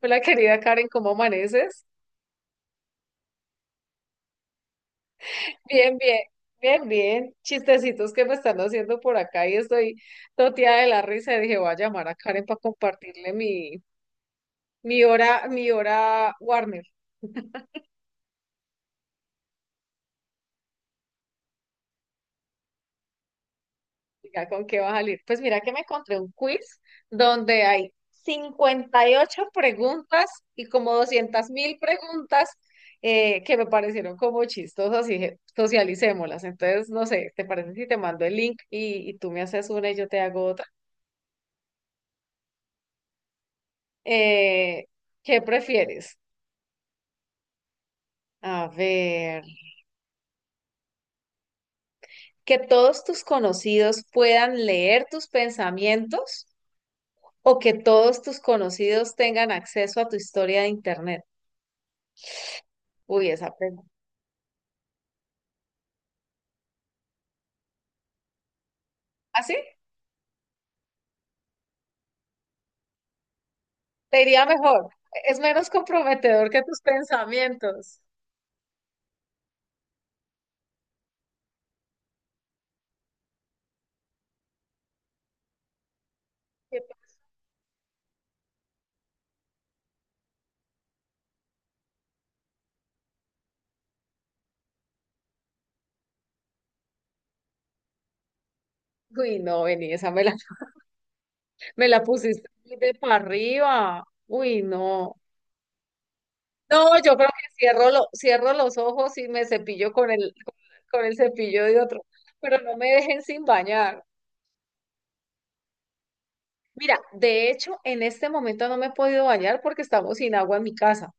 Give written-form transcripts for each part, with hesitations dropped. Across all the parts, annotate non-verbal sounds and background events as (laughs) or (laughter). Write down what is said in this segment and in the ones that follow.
Hola querida Karen, ¿cómo amaneces? Bien, bien, bien, bien. Chistecitos que me están haciendo por acá y estoy toteada de la risa. Y dije, voy a llamar a Karen para compartirle mi hora Warner. (laughs) Diga, ¿con qué va a salir? Pues mira que me encontré un quiz donde hay 58 preguntas y como 200.000 preguntas que me parecieron como chistosas y dije, socialicémoslas. Entonces, no sé, ¿te parece si te mando el link y tú me haces una y yo te hago otra? Eh, ¿Qué prefieres? A ver, ¿que todos tus conocidos puedan leer tus pensamientos o que todos tus conocidos tengan acceso a tu historia de internet? Uy, esa pregunta. ¿Así? Te iría mejor. Es menos comprometedor que tus pensamientos. ¿Qué pa- Uy, no, vení, me la pusiste muy de para arriba. Uy, no. No, yo creo que cierro los ojos y me cepillo con el cepillo de otro, pero no me dejen sin bañar. Mira, de hecho, en este momento no me he podido bañar porque estamos sin agua en mi casa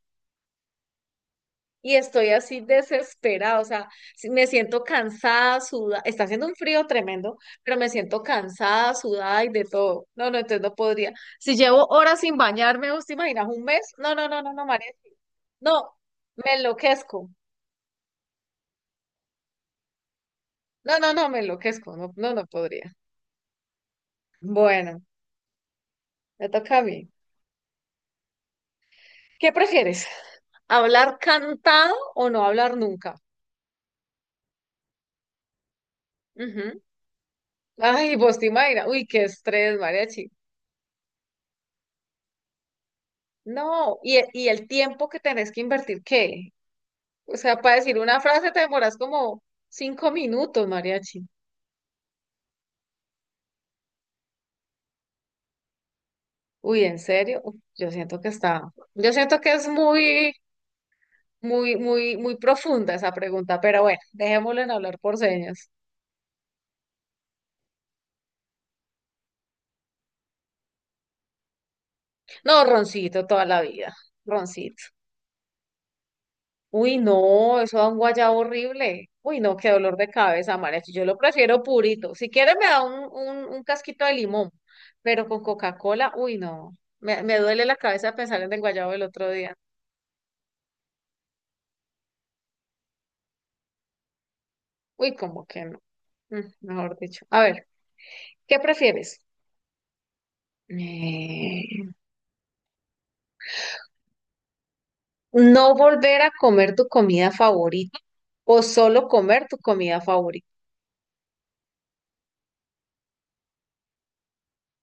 y estoy así desesperada, o sea, me siento cansada, sudada, está haciendo un frío tremendo, pero me siento cansada, sudada y de todo. No, no, entonces no podría. Si llevo horas sin bañarme, ¿vos te imaginas un mes? No, no, no, no, no, María. Sí. No, me enloquezco. No, no, no, me enloquezco, no, no, no podría. Bueno, me toca a mí. ¿Qué prefieres? ¿Hablar cantado o no hablar nunca? Ujú. Ay, vos te imaginas, uy, qué estrés, mariachi. No, y el tiempo que tenés que invertir, ¿qué? O sea, para decir una frase te demoras como 5 minutos, mariachi. Uy, ¿en serio? Uf, yo siento que es muy, muy, muy, muy profunda esa pregunta, pero bueno, dejémoslo en hablar por señas. No, roncito toda la vida, roncito. Uy, no, eso da un guayabo horrible. Uy, no, qué dolor de cabeza, María. Yo lo prefiero purito. Si quiere me da un casquito de limón, pero con Coca-Cola, uy, no. Me duele la cabeza pensar en el guayabo del otro día. Uy, como que no. Mm, mejor dicho. A ver, ¿qué prefieres? Eh, ¿No volver a comer tu comida favorita o solo comer tu comida favorita?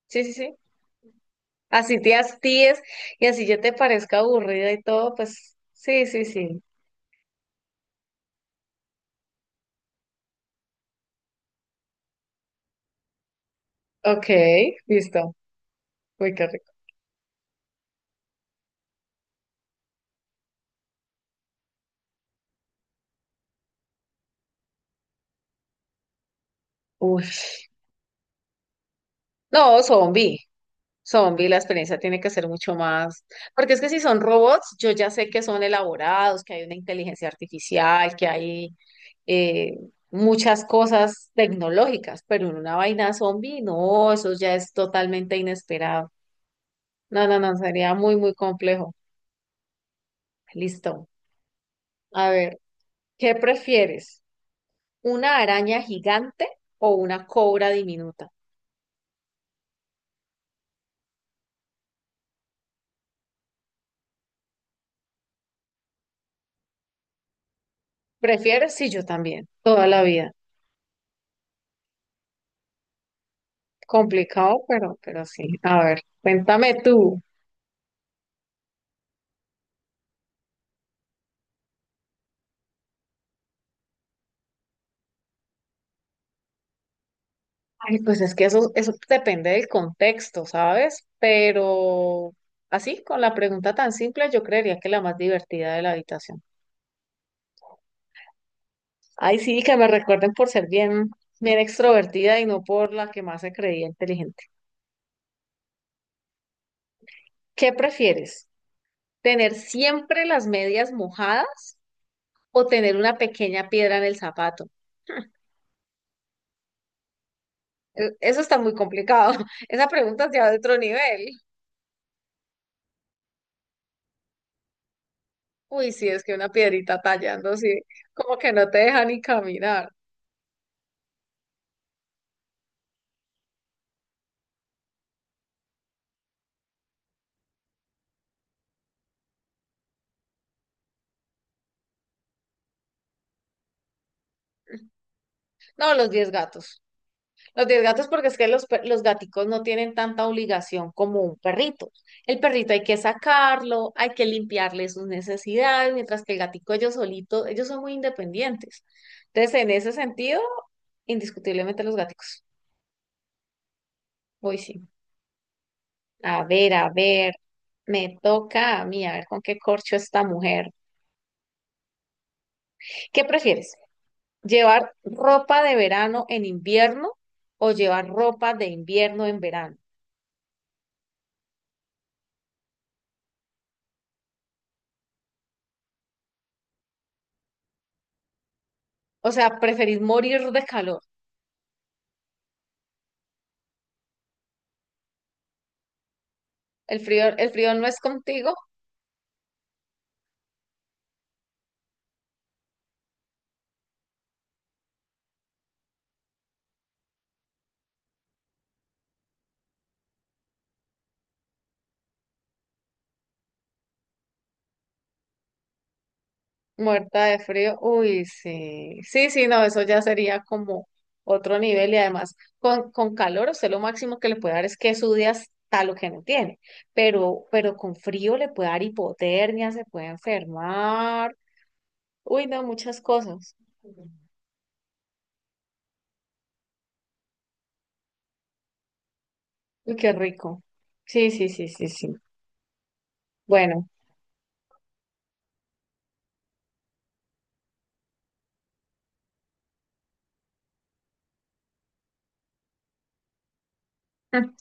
Sí, sí, sí. Así te hastíes y así ya te parezca aburrida y todo, pues sí, sí, sí. Ok, listo. Uy, qué rico. Uy. No, zombie. Zombie, la experiencia tiene que ser mucho más. Porque es que si son robots, yo ya sé que son elaborados, que hay una inteligencia artificial, que hay eh, muchas cosas tecnológicas, pero en una vaina zombie, no, eso ya es totalmente inesperado. No, no, no, sería muy, muy complejo. Listo. A ver, ¿qué prefieres? ¿Una araña gigante o una cobra diminuta? ¿Prefieres? Sí, yo también, toda la vida. Complicado, pero sí. A ver, cuéntame tú. Ay, pues es que eso depende del contexto, ¿sabes? Pero así, con la pregunta tan simple, yo creería que la más divertida de la habitación. Ay, sí, que me recuerden por ser bien, bien extrovertida y no por la que más se creía inteligente. ¿Qué prefieres? ¿Tener siempre las medias mojadas o tener una pequeña piedra en el zapato? Eso está muy complicado. (laughs) Esa pregunta es ya de otro nivel. Uy, sí, es que una piedrita tallando, sí, como que no te deja ni caminar. No, los 10 gatos. Los 10 gatos porque es que los gaticos no tienen tanta obligación como un perrito. El perrito hay que sacarlo, hay que limpiarle sus necesidades, mientras que el gatico ellos solitos, ellos son muy independientes. Entonces, en ese sentido, indiscutiblemente los gaticos. Uy, sí. A ver, me toca a mí, a ver con qué corcho esta mujer. ¿Qué prefieres? ¿Llevar ropa de verano en invierno o llevar ropa de invierno en verano? O sea, ¿preferís morir de calor? El frío no es contigo, muerta de frío. Uy, sí. Sí, sí, no, eso ya sería como otro nivel y además con calor usted lo máximo que le puede dar es que sude hasta lo que no tiene, pero con frío le puede dar hipotermia, se puede enfermar. Uy, no, muchas cosas. Uy, qué rico. Sí, sí, sí, sí, sí. Bueno,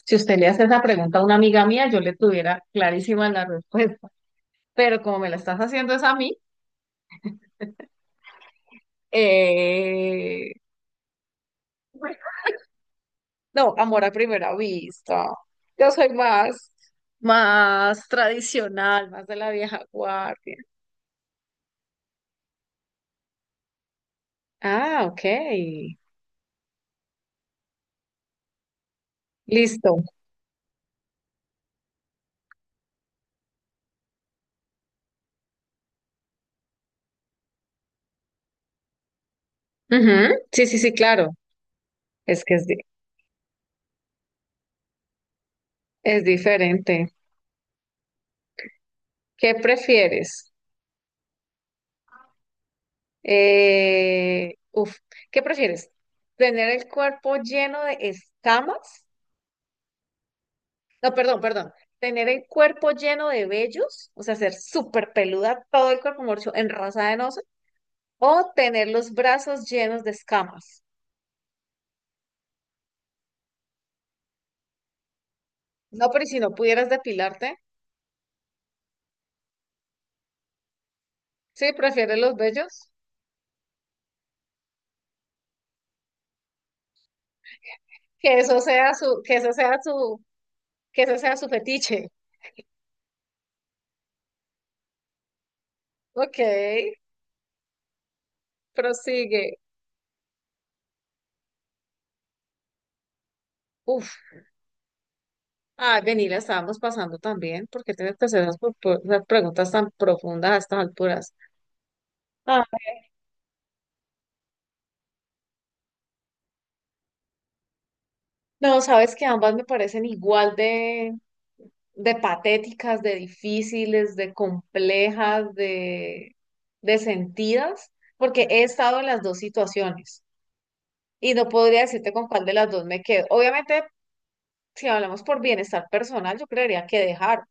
si usted le hace esa pregunta a una amiga mía, yo le tuviera clarísima la respuesta. Pero como me la estás haciendo es a mí, eh, no, amor a primera vista. Yo soy más, más tradicional, más de la vieja guardia. Ah, ok. Listo. Ujú. Sí, sí, sí, claro. Es que es, di- es diferente. ¿Qué prefieres? Eh, uf, ¿Qué prefieres? ¿Tener el cuerpo lleno de escamas no, perdón, perdón. Tener el cuerpo lleno de vellos, o sea, ser súper peluda, todo el cuerpo morcho, enrasada en oso, o tener los brazos llenos de escamas. No, pero ¿y si no pudieras depilarte, sí, prefieres los vellos, que eso sea su, que eso sea su, que eso sea su fetiche. Ok, prosigue. Uf, ah, vení, la estábamos pasando también, porque tienes que hacer esas preguntas tan profundas a estas alturas. Ah, no, sabes que ambas me parecen igual de patéticas, de difíciles, de complejas, de sentidas, porque he estado en las dos situaciones y no podría decirte con cuál de las dos me quedo. Obviamente, si hablamos por bienestar personal, yo creería que dejar,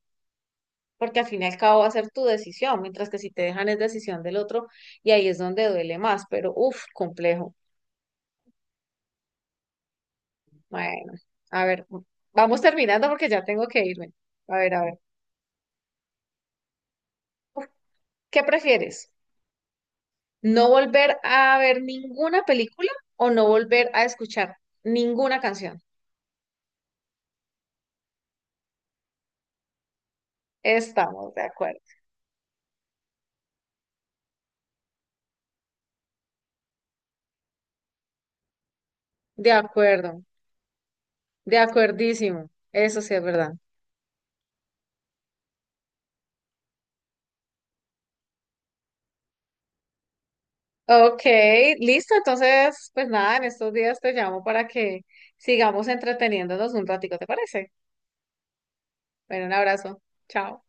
porque al fin y al cabo va a ser tu decisión, mientras que si te dejan es decisión del otro y ahí es donde duele más, pero uff, complejo. Bueno, a ver, vamos terminando porque ya tengo que irme. A ver, ¿qué prefieres? No volver a ver ninguna película o no volver a escuchar ninguna canción. Estamos de acuerdo. De acuerdo. De acuerdísimo. Eso sí es verdad. Ok, listo. Entonces, pues nada, en estos días te llamo para que sigamos entreteniéndonos un ratico, ¿te parece? Bueno, un abrazo. Chao.